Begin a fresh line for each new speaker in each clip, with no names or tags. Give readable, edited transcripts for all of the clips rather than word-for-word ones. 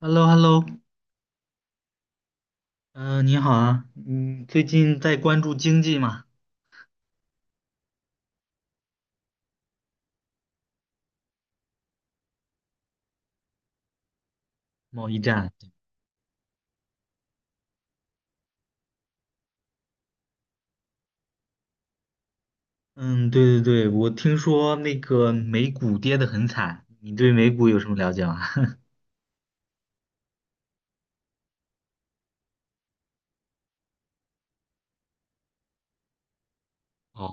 h e l l o h e l l o。 嗯、你好啊，嗯，最近在关注经济吗？贸易战。嗯，对对对，我听说那个美股跌得很惨，你对美股有什么了解吗？哦。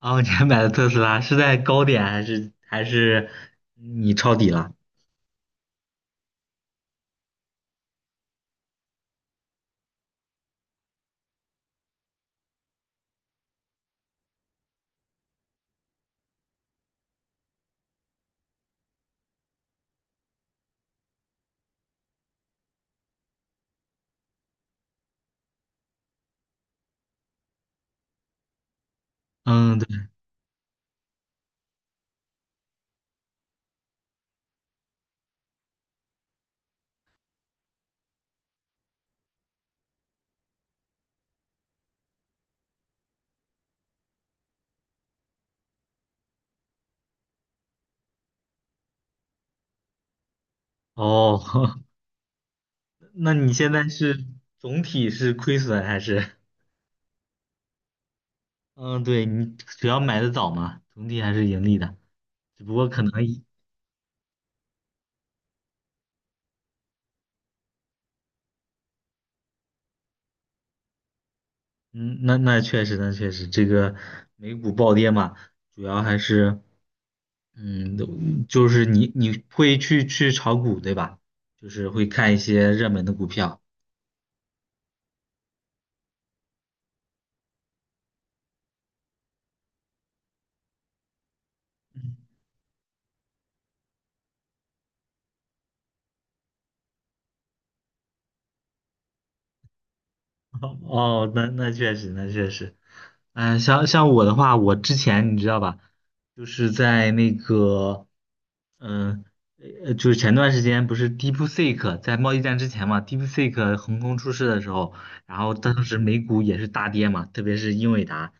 哦，你还买了特斯拉，是在高点还是你抄底了？嗯，对，哦，那你现在是总体是亏损还是？嗯，对，你主要买的早嘛，总体还是盈利的，只不过可能。嗯，那确实，那确实，这个美股暴跌嘛，主要还是，嗯，就是你会去炒股，对吧？就是会看一些热门的股票。哦，那确实，那确实，嗯，像我的话，我之前你知道吧，就是在那个，嗯，就是前段时间不是 DeepSeek 在贸易战之前嘛，DeepSeek 横空出世的时候，然后当时美股也是大跌嘛，特别是英伟达，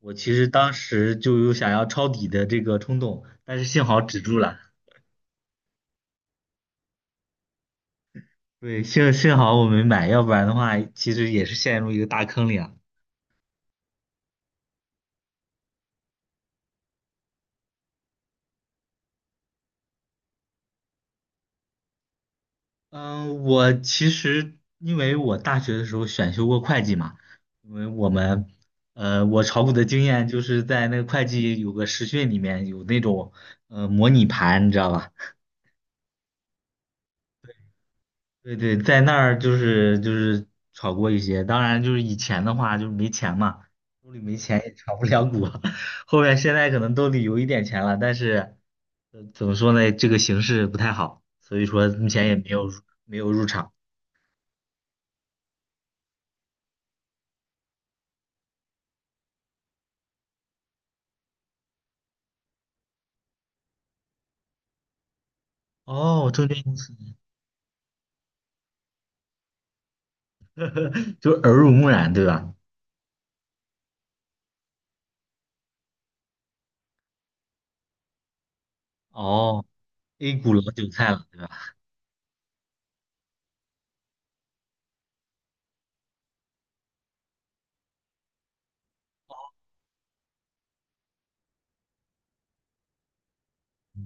我其实当时就有想要抄底的这个冲动，但是幸好止住了。对，幸好我没买，要不然的话，其实也是陷入一个大坑里了。嗯，我其实因为我大学的时候选修过会计嘛，因为我们，我炒股的经验就是在那个会计有个实训里面有那种模拟盘，你知道吧？对对，在那儿就是炒过一些，当然就是以前的话就是没钱嘛，兜里没钱也炒不了股，后面现在可能兜里有一点钱了，但是，怎么说呢，这个形势不太好，所以说目前也没有入场。哦，证券公司。就耳濡目染，对吧？哦，A 股老韭菜了，对吧？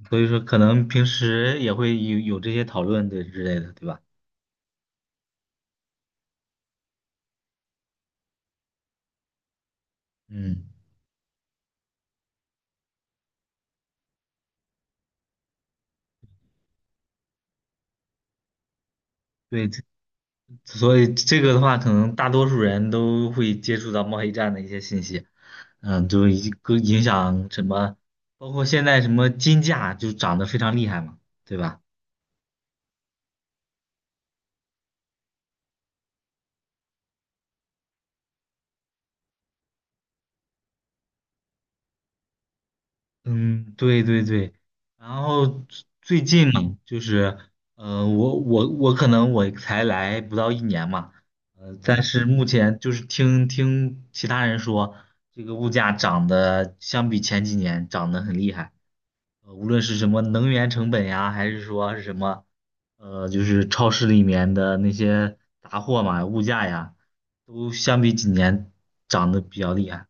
所以说可能平时也会有这些讨论对之类的，对吧？嗯，对。所以这个的话，可能大多数人都会接触到贸易战的一些信息，嗯，就一个影响什么，包括现在什么金价就涨得非常厉害嘛，对吧？嗯，对对对，然后最近嘛，就是，我可能我才来不到一年嘛，但是目前就是听听其他人说，这个物价涨得相比前几年涨得很厉害，无论是什么能源成本呀，还是说是什么，就是超市里面的那些杂货嘛，物价呀，都相比几年涨得比较厉害。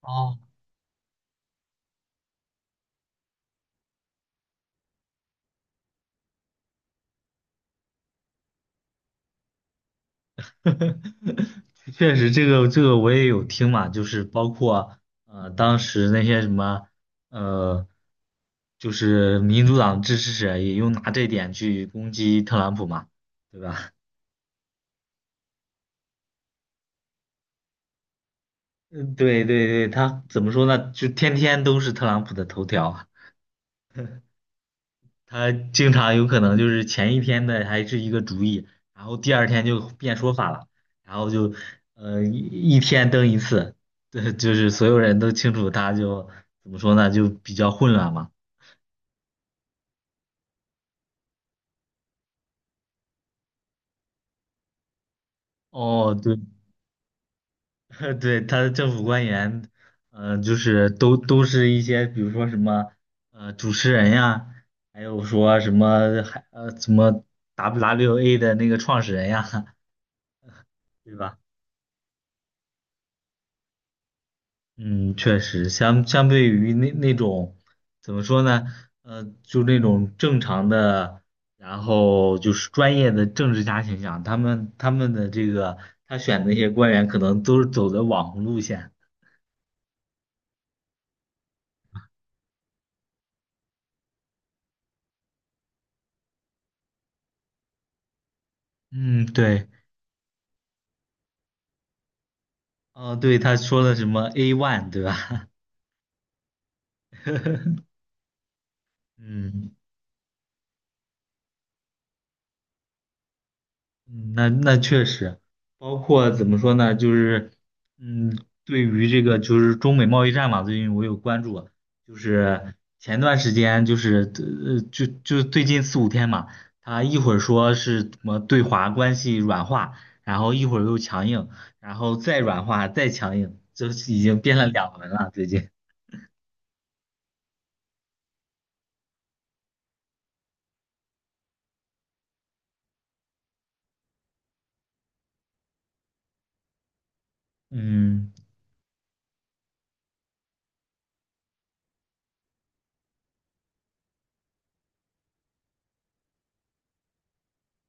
哦，确实，这个我也有听嘛，就是包括当时那些什么呃，就是民主党支持者也用拿这点去攻击特朗普嘛，对吧？嗯，对对对，他怎么说呢？就天天都是特朗普的头条。他经常有可能就是前一天的还是一个主意，然后第二天就变说法了，然后就呃一一天登一次。对，就是所有人都清楚他就怎么说呢，就比较混乱嘛。哦，对，对，他的政府官员，就是都是一些比如说什么主持人呀，还有说什么还什么 WWA 的那个创始人呀，对吧？嗯，确实，相对于那种怎么说呢，就那种正常的，然后就是专业的政治家形象，他们的这个他选的那些官员，可能都是走的网红路线。嗯，对，哦，对，他说的什么 A one，对吧？嗯。嗯，那确实，包括怎么说呢，就是，嗯，对于这个就是中美贸易战嘛，最近我有关注，就是前段时间就是就最近四五天嘛，他一会儿说是什么对华关系软化，然后一会儿又强硬，然后再软化再强硬，这已经变了两轮了最近。嗯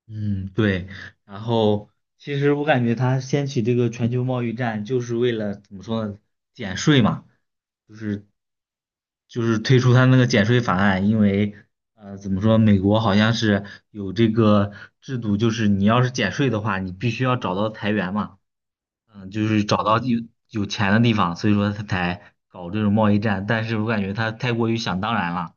嗯，对。然后其实我感觉他掀起这个全球贸易战，就是为了怎么说呢，减税嘛。就是就是推出他那个减税法案，因为怎么说，美国好像是有这个制度，就是你要是减税的话，你必须要找到财源嘛，嗯，就是找到有钱的地方，所以说他才搞这种贸易战，但是我感觉他太过于想当然了。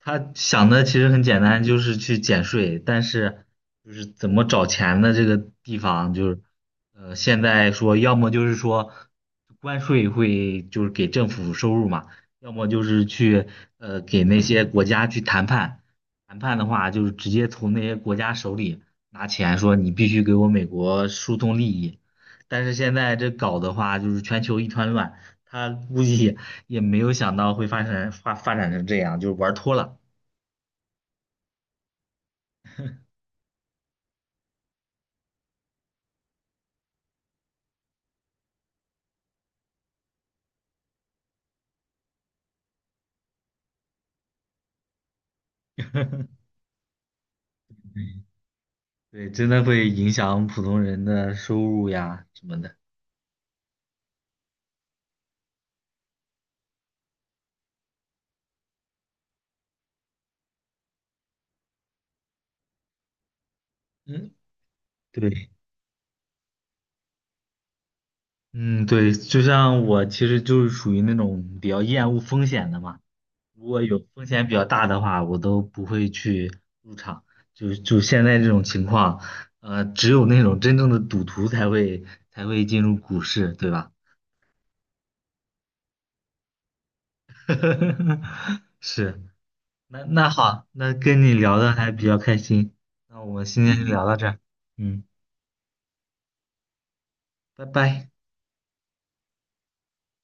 他想的其实很简单，就是去减税，但是就是怎么找钱的这个地方，就是现在说要么就是说关税会就是给政府收入嘛，要么就是去给那些国家去谈判，谈判的话就是直接从那些国家手里拿钱，说你必须给我美国输送利益，但是现在这搞的话就是全球一团乱，他估计。也没有想到会发展成这样，就玩脱了。对，真的会影响普通人的收入呀什么的。嗯，对，嗯，对，就像我其实就是属于那种比较厌恶风险的嘛。如果有风险比较大的话，我都不会去入场。就现在这种情况，只有那种真正的赌徒才会进入股市，对吧？是。那好，那跟你聊的还比较开心，那我们今天就聊到这儿。嗯，拜拜。